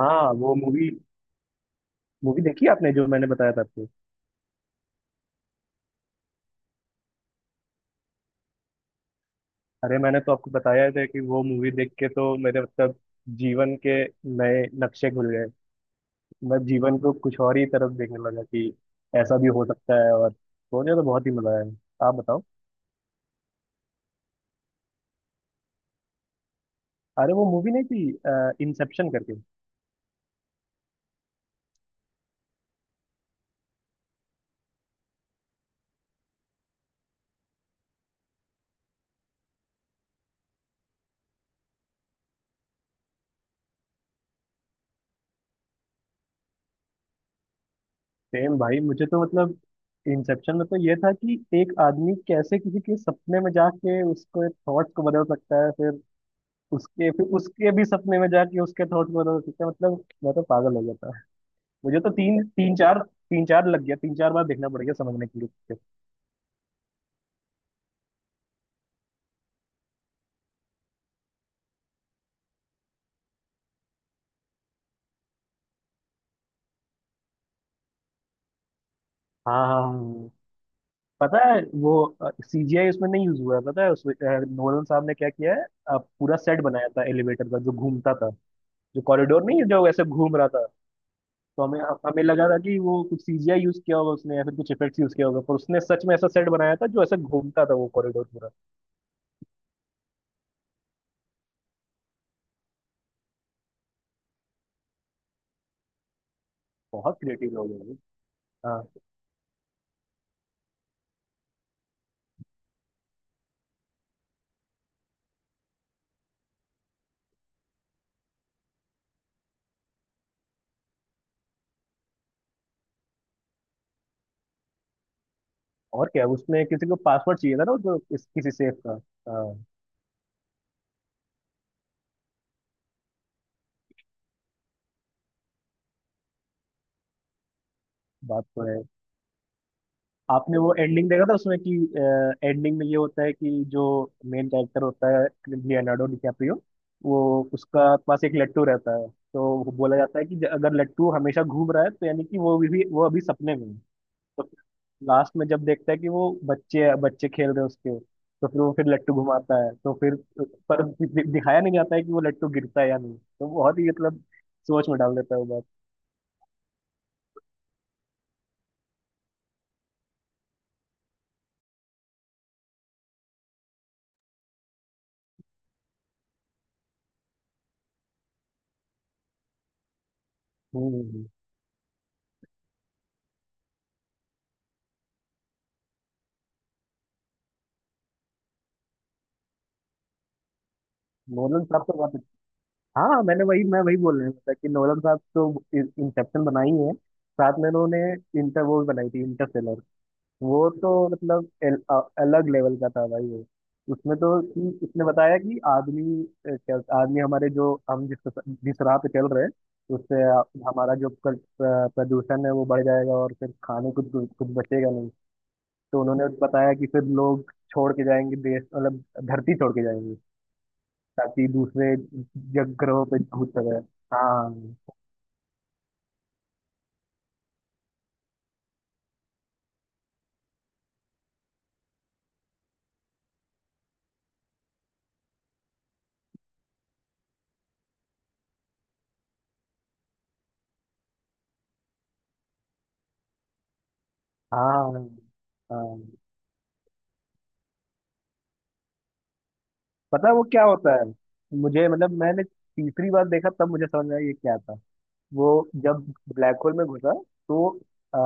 हाँ, वो movie movie देखी आपने जो मैंने बताया था आपको। अरे, मैंने तो आपको बताया था कि वो मूवी देख के तो मेरे मतलब जीवन के नए नक्शे खुल गए। मैं जीवन को कुछ और ही तरफ देखने लगा कि ऐसा भी हो सकता है, और सोने तो बहुत ही मजा आया। आप बताओ। अरे, वो मूवी नहीं थी इंसेप्शन करके? सेम भाई, मुझे तो मतलब इंसेप्शन में तो ये था कि एक आदमी कैसे किसी के सपने में जाके उसको थॉट्स को बदल सकता है, फिर उसके भी सपने में जाके उसके थॉट में रोना सीखा, मतलब मैं तो पागल हो जाता है। मुझे तो तीन तीन चार लग गया, तीन चार बार देखना पड़ गया समझने के लिए। हाँ, हाँ, हाँ। पता है वो सीजीआई उसमें नहीं यूज हुआ है? पता है उसमें नोलन साहब ने क्या किया है? पूरा सेट बनाया था एलिवेटर का जो घूमता था। जो कॉरिडोर नहीं है, जो ऐसे घूम रहा था। तो हमें हमें लगा था कि वो कुछ सीजीआई यूज किया होगा उसने या फिर कुछ इफेक्ट्स यूज किया होगा, पर उसने सच में ऐसा सेट बनाया था जो ऐसे घूमता था, वो कॉरिडोर पूरा। बहुत क्रिएटिव लोग हैं ये। हाँ, और क्या उसमें किसी को पासवर्ड चाहिए था ना, जो किसी सेफ का? हाँ, बात तो है। आपने वो एंडिंग देखा था उसमें कि एंडिंग में ये होता है कि जो मेन कैरेक्टर होता है, लियोनार्डो डिकैप्रियो, वो उसका पास एक लट्टू रहता है, तो वो बोला जाता है कि अगर लट्टू हमेशा घूम रहा है तो यानी कि वो भी वो अभी सपने में है। तो लास्ट में जब देखता है कि वो बच्चे बच्चे खेल रहे हैं उसके, तो फिर वो फिर लट्टू घुमाता है, तो फिर पर दिखाया नहीं जाता है कि वो लट्टू गिरता है या नहीं, तो बहुत ही मतलब सोच में डाल देता है वो बात। हम्म। नोलन साहब तो बहुत अच्छे- हाँ, मैं वही बोल रहा था कि नोलन साहब तो इंसेप्शन बनाई है, साथ में उन्होंने इंटर वो भी बनाई थी, इंटरस्टेलर। वो तो मतलब अलग लेवल का था भाई वो। उसमें तो कि उसने बताया कि आदमी अ, क्या आदमी हमारे, जो हम जिस जिस राह पे चल रहे हैं, उससे हमारा जो प्रदूषण है, वो बढ़ जाएगा और फिर खाने को कुछ कुछ बचेगा नहीं। तो उन्होंने बताया कि फिर लोग छोड़ के जाएंगे देश, मतलब धरती छोड़ के जाएंगे, ताकि दूसरे जग ग्रहों पे भूत वगैरह। हाँ, हाँ, हाँ। पता है वो क्या होता है? मुझे मतलब मैंने तीसरी बार देखा तब मुझे समझ में आया ये क्या था। वो जब ब्लैक होल में घुसा तो आ,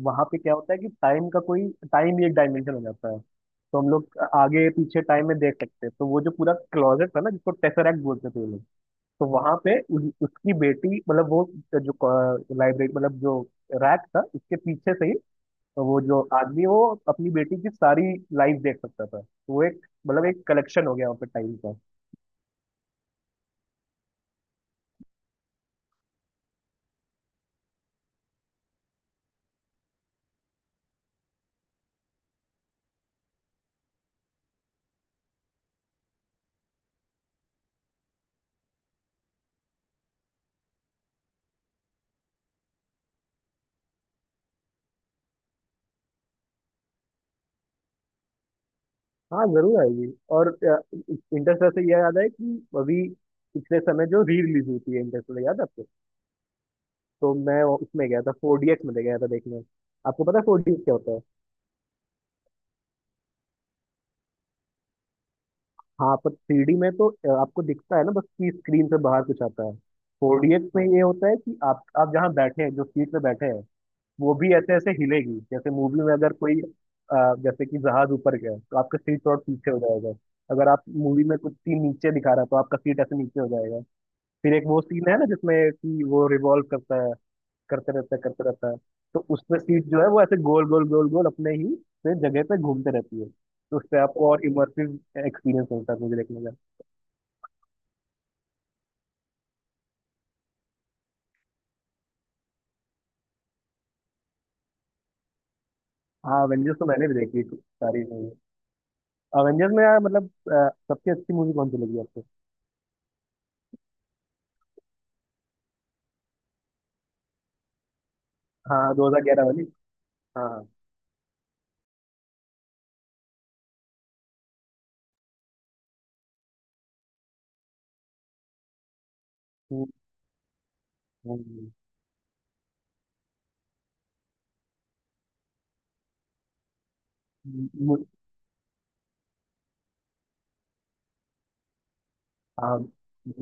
वहां पे क्या होता है कि टाइम का कोई टाइम ही एक डायमेंशन हो जाता है, तो हम लोग आगे पीछे टाइम में देख सकते हैं, तो वो जो पूरा क्लॉजेट था ना जिसको टेसरैक्ट बोलते थे ये लोग, तो वहां पे उसकी बेटी मतलब वो जो लाइब्रेरी मतलब जो रैक था उसके पीछे से ही, तो वो जो आदमी वो अपनी बेटी की सारी लाइफ देख सकता था, तो वो एक मतलब एक कलेक्शन हो गया वहाँ पे टाइम का। हाँ, जरूर आएगी। और इंटरस्टेलर से यह याद है कि अभी पिछले समय जो री रिलीज हुई थी इंटरस्टेलर, याद है आपको? तो मैं उसमें गया था, फोर डी एक्स में गया था देखने। आपको पता है फोर डी एक्स क्या होता है? हाँ, पर थ्री डी में तो आपको दिखता है ना बस कि स्क्रीन से बाहर कुछ आता है। फोर डी एक्स में ये होता है कि आप जहाँ बैठे हैं, जो सीट पे बैठे हैं, वो भी ऐसे ऐसे हिलेगी, जैसे मूवी में अगर कोई जैसे कि जहाज ऊपर गया तो आपका सीट और पीछे हो जाएगा। अगर आप मूवी में कुछ सीन नीचे दिखा रहा है तो आपका सीट ऐसे नीचे हो जाएगा। फिर एक वो सीन है ना जिसमें कि वो रिवॉल्व करता है, करते रहता है, करते रहता है। तो उसमें सीट जो है वो ऐसे गोल गोल गोल गोल अपने ही से जगह पे घूमते रहती है। तो उससे आपको और इमर्सिव एक्सपीरियंस मिलता है, मुझे देखने का। हाँ, अवेंजर्स तो मैंने भी देखी है सारी मूवी। अवेंजर्स में यार मतलब सबसे अच्छी मूवी कौन सी लगी आपको? हाँ, 2011 वाली। हाँ, हम्म, हम्म। मु- हाँ,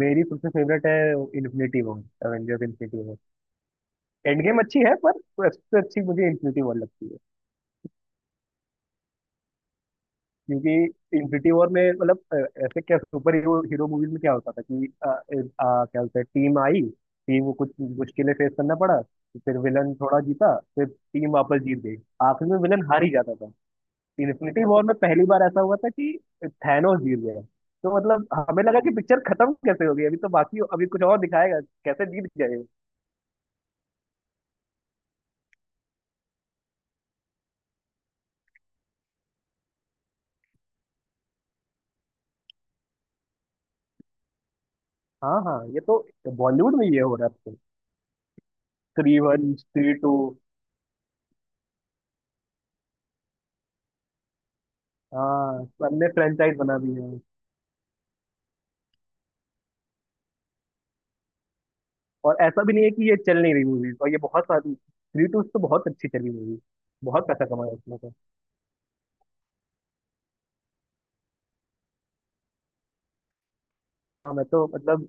मेरी सबसे फेवरेट है Infinity War, Avengers Infinity War. End Game अच्छी है, पर सबसे अच्छी मुझे इन्फिनिटी वॉर लगती है। क्योंकि इन्फिनिटी वॉर में मतलब ऐसे क्या सुपर हीरो हीरो मूवीज में क्या होता था कि क्या होता है टीम को कुछ मुश्किलें फेस करना पड़ा। फिर विलन थोड़ा जीता, फिर टीम वापस जीत गई। आखिर में विलन हार ही जाता था। इन्फिनिटी वॉर में पहली बार ऐसा हुआ था कि थैनोस जीत गया। तो मतलब हमें लगा कि पिक्चर खत्म कैसे हो गई, अभी तो बाकी अभी कुछ और दिखाएगा, कैसे जीत गए? हाँ, हाँ, ये तो बॉलीवुड में ये हो रहा है। Three one, three two. हाँ, सबने फ्रेंचाइज बना दी है। और ऐसा भी नहीं है कि ये चल नहीं रही मूवीज, और ये बहुत सारी थ्री टू तो बहुत अच्छी चली मूवी। बहुत पैसा कमाया इसमें तो। हाँ, मैं तो मतलब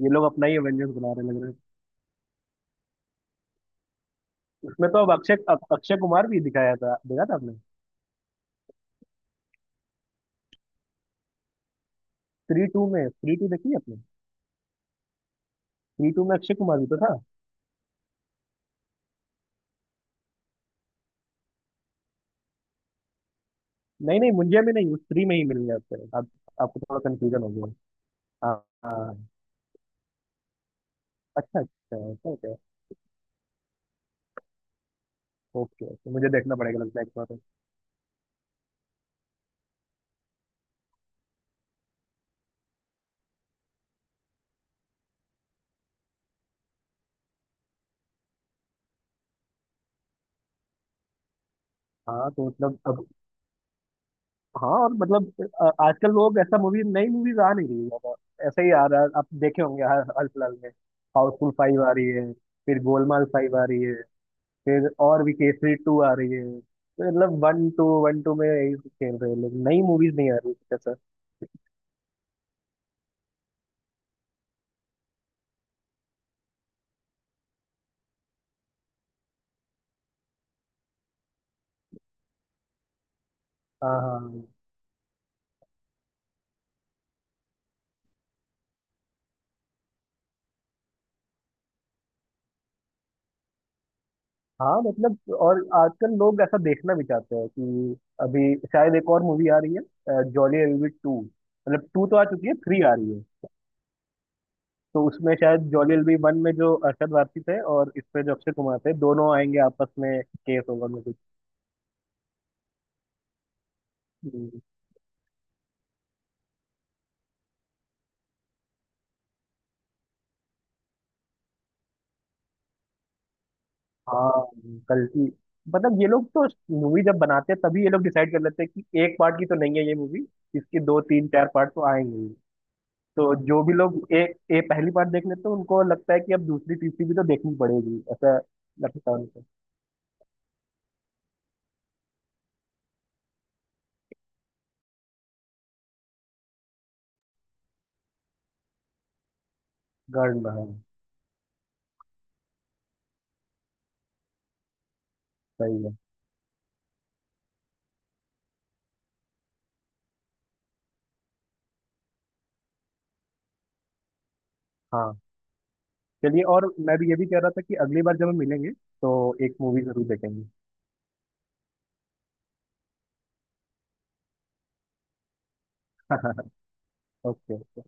ये लोग अपना ही एवेंजर्स बना रहे लग रहे हैं। उसमें तो अब अक्षय अक्षय कुमार भी दिखाया था, देखा था आपने? थ्री टू देखी है आपने? थ्री टू में अक्षय कुमार भी तो था। नहीं, नहीं, मुंजिया में नहीं, उस थ्री में ही मिल गया उससे, आपको थोड़ा कंफ्यूजन हो गया। हाँ, हाँ, अच्छा, अच्छा, ऐसा क्या? ओके, ओके, मुझे देखना पड़ेगा लगता है एक बार। हाँ, तो मतलब अब। हाँ, और मतलब आजकल लोग ऐसा मूवी नई मूवीज आ नहीं रही है ज्यादा। ऐसा ही आ रहा है, आप देखे होंगे हाल हाल फिलहाल में। हाउसफुल 5 आ रही है, फिर गोलमाल 5 आ रही है, फिर और भी केसरी 2 आ रही है। तो मतलब वन टू में यही खेल रहे हैं लोग, नई मूवीज नहीं आ रही, कुछ ऐसा। हाँ, हाँ, हाँ, मतलब और आजकल लोग ऐसा देखना भी चाहते हैं कि अभी शायद एक और मूवी आ रही है जॉली एलबी 2, मतलब 2 तो आ चुकी है, 3 आ रही है। तो उसमें शायद जॉली एलबी 1 में जो अरशद वारसी थे, और इस पे जो अक्षय कुमार थे, दोनों आएंगे आपस में, केस होगा में कुछ। हम्म, हाँ। गलती मतलब ये लोग तो मूवी जब बनाते हैं तभी ये लोग डिसाइड कर लेते हैं कि एक पार्ट की तो नहीं है ये मूवी, इसकी दो तीन चार पार्ट तो आएंगे ही। तो जो भी लोग ए ए पहली बार देख लेते हैं उनको लगता है कि अब दूसरी तीसरी भी तो देखनी पड़ेगी, ऐसा लगता है उनको। गर्ड में है। सही है। हाँ, चलिए, और मैं भी ये भी कह रहा था कि अगली बार जब हम मिलेंगे तो एक मूवी जरूर देखेंगे। ओके।